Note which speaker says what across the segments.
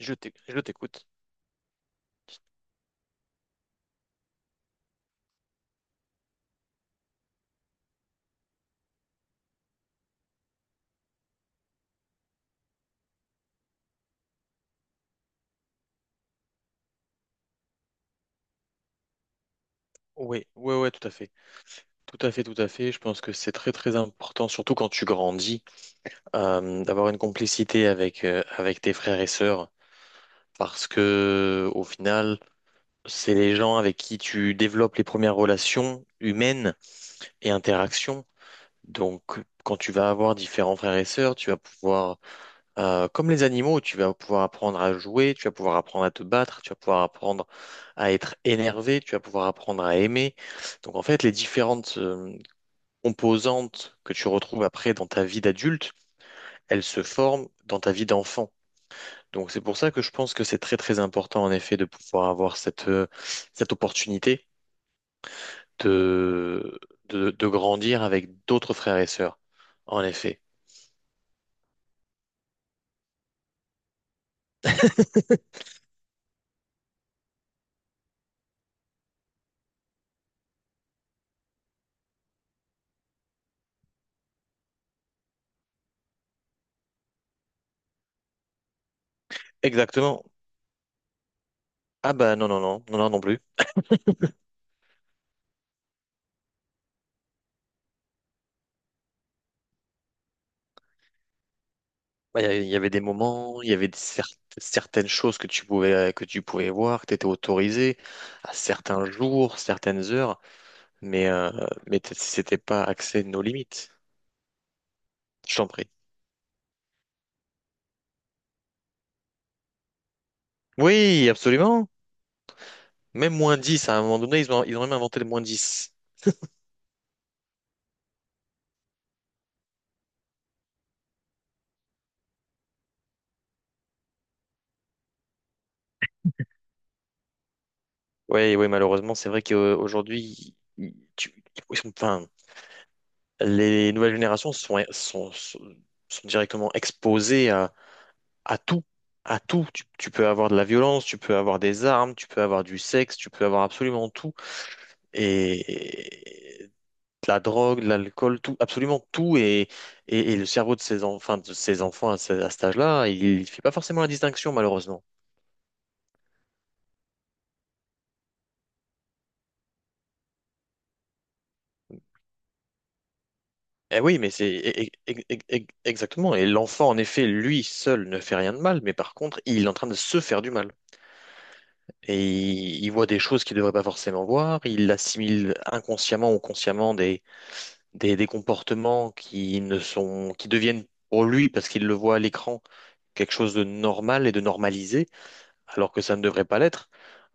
Speaker 1: Je t'écoute. Oui, oui, oui, tout à fait. Tout à fait, tout à fait. Je pense que c'est très, très important, surtout quand tu grandis, d'avoir une complicité avec, avec tes frères et sœurs, parce que au final, c'est les gens avec qui tu développes les premières relations humaines et interactions. Donc, quand tu vas avoir différents frères et sœurs, tu vas pouvoir comme les animaux, tu vas pouvoir apprendre à jouer, tu vas pouvoir apprendre à te battre, tu vas pouvoir apprendre à être énervé, tu vas pouvoir apprendre à aimer. Donc en fait, les différentes composantes que tu retrouves après dans ta vie d'adulte, elles se forment dans ta vie d'enfant. Donc c'est pour ça que je pense que c'est très très important en effet de pouvoir avoir cette, cette opportunité de, de grandir avec d'autres frères et sœurs. En effet. Exactement. Ah bah non, non, non, non, non, non plus. Ouais, il y avait des moments, il y avait des certaines choses que tu pouvais voir, que tu étais autorisé à certains jours, certaines heures, mais, c'était pas axé nos limites. Je t'en prie. Oui, absolument. Même moins 10 à un moment donné, ils ont même inventé le moins dix. Oui, oui, malheureusement, c'est vrai qu'aujourd'hui, enfin, les nouvelles générations sont directement exposées à tout, à tout. Tu peux avoir de la violence, tu peux avoir des armes, tu peux avoir du sexe, tu peux avoir absolument tout. Et de la drogue, de l'alcool, tout, absolument tout. Et le cerveau de ces, enfin, de ces enfants à, à cet âge-là, il ne fait pas forcément la distinction, malheureusement. Eh oui, mais c'est exactement. Et l'enfant, en effet, lui seul ne fait rien de mal, mais par contre, il est en train de se faire du mal. Et il voit des choses qu'il ne devrait pas forcément voir, il assimile inconsciemment ou consciemment des comportements qui ne sont, qui deviennent pour lui, parce qu'il le voit à l'écran, quelque chose de normal et de normalisé, alors que ça ne devrait pas l'être.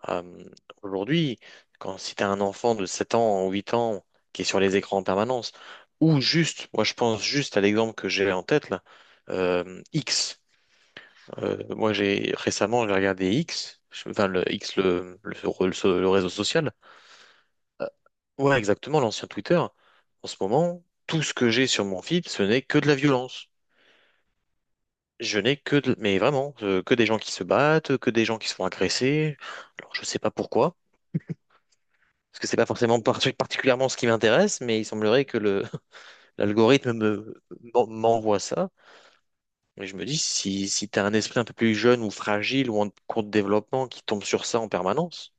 Speaker 1: Euh, aujourd'hui, quand si tu as un enfant de 7 ans ou 8 ans qui est sur les écrans en permanence, ou juste, moi je pense juste à l'exemple que j'ai en tête là, X. Moi j'ai regardé X, enfin le X le, le réseau social. Ouais, exactement, l'ancien Twitter. En ce moment, tout ce que j'ai sur mon feed, ce n'est que de la violence. Je n'ai que de… Mais vraiment, que des gens qui se battent, que des gens qui se font agresser. Alors, je sais pas pourquoi, parce que c'est pas forcément particulièrement ce qui m'intéresse, mais il semblerait que le l'algorithme me m'envoie ça. Et je me dis, si, si tu as un esprit un peu plus jeune ou fragile ou en cours de développement qui tombe sur ça en permanence.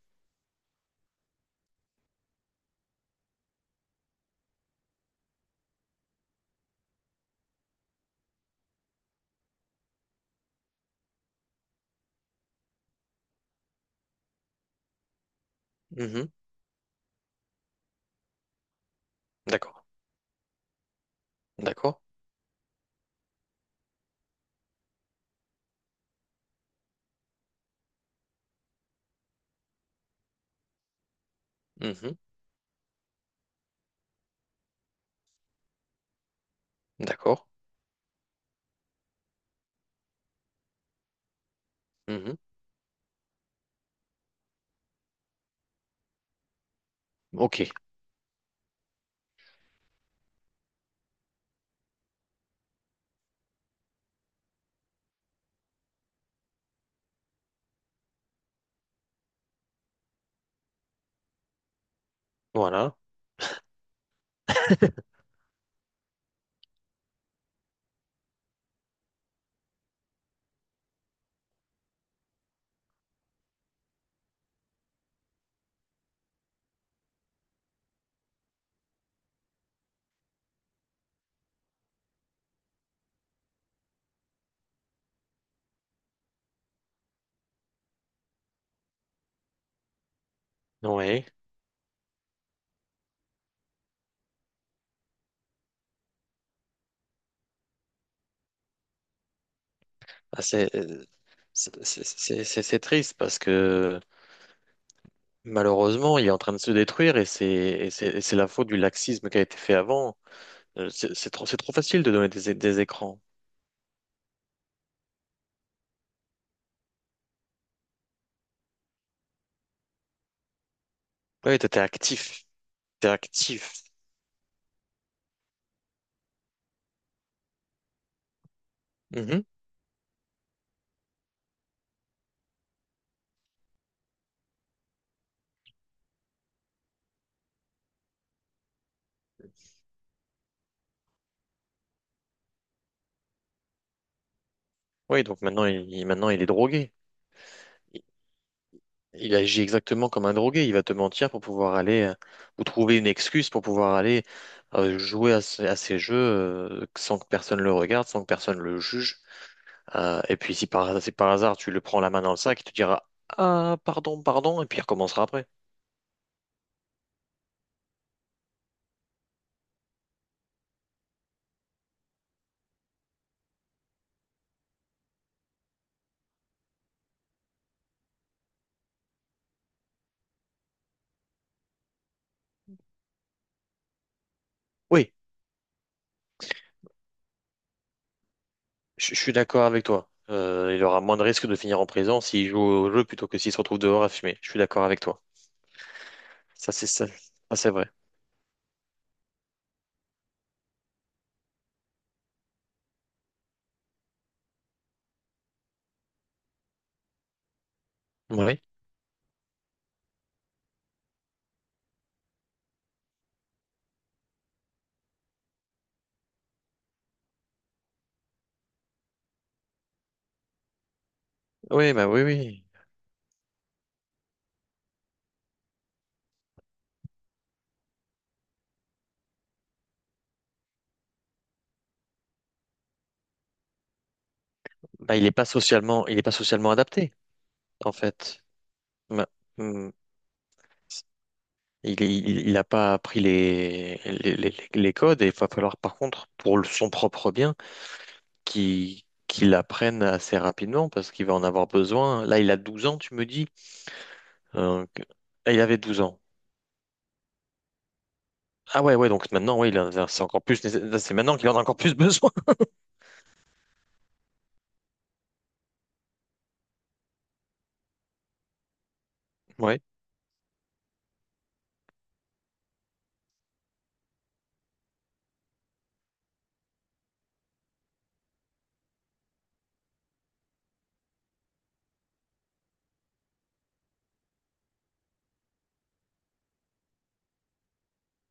Speaker 1: Mhm. D'accord, d'accord. Mhm. D'accord. Mhm. Ok, voilà, ouais. Ah, c'est triste parce que malheureusement, il est en train de se détruire et c'est la faute du laxisme qui a été fait avant. C'est c'est trop facile de donner des, des écrans. Oui, t'étais actif. T'es actif. Mhm. Oui, donc maintenant maintenant, il est drogué. Il, il agit exactement comme un drogué. Il va te mentir pour pouvoir aller ou trouver une excuse pour pouvoir aller jouer à, à ces jeux sans que personne le regarde, sans que personne le juge. Et puis si par, si par hasard tu le prends la main dans le sac, il te dira: «Ah, pardon, pardon», et puis il recommencera après. Oui, je suis d'accord avec toi. Il aura moins de risques de finir en prison s'il joue au jeu plutôt que s'il se retrouve dehors à fumer. Je suis d'accord avec toi. Ça, c'est ça. Ça, c'est vrai. Oui. Oui, bah oui, oui. Bah, il est pas socialement adapté, en fait. Ma- hmm. Il a pas appris les, les codes et il va falloir par contre, pour son propre bien, qui l'apprenne assez rapidement parce qu'il va en avoir besoin. Là, il a 12 ans, tu me dis. Euh, que- ah, il avait 12 ans. Ah ouais, ouais, donc maintenant, ouais, c'est encore plus, là, c'est maintenant qu'il en a encore plus besoin. Ouais,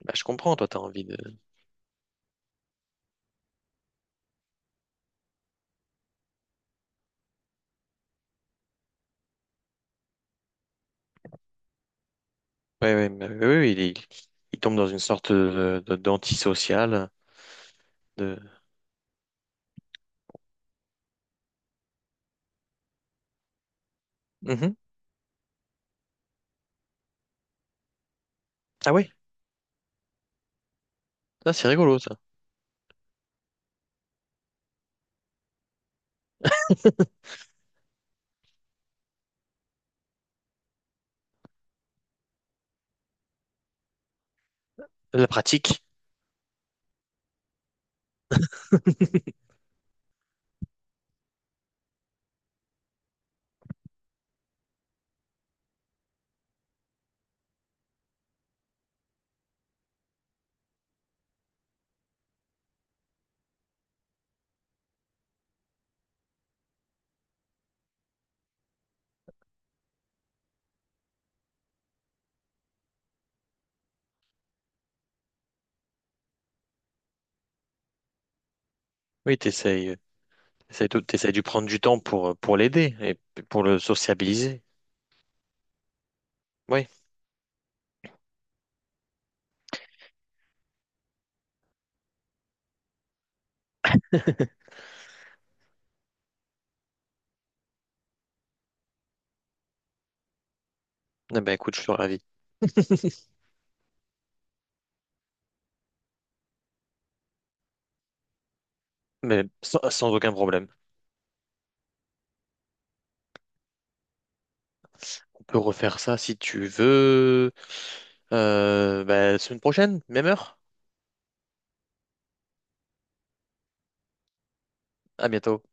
Speaker 1: bah, je comprends, toi, t'as envie de. Ouais, ouais, mais- oui, oui, il tombe dans une sorte de, d'antisocial. De… Mhm. Ah ouais, ça, c'est rigolo, ça. La pratique. Oui, t'essayes, t'essayes, t'essayes de prendre du temps pour l'aider et pour le sociabiliser. Oui, ah bah écoute, je suis ravi. Mais sans, sans aucun problème. Peux refaire ça si tu veux. Bah, semaine prochaine, même heure. À bientôt.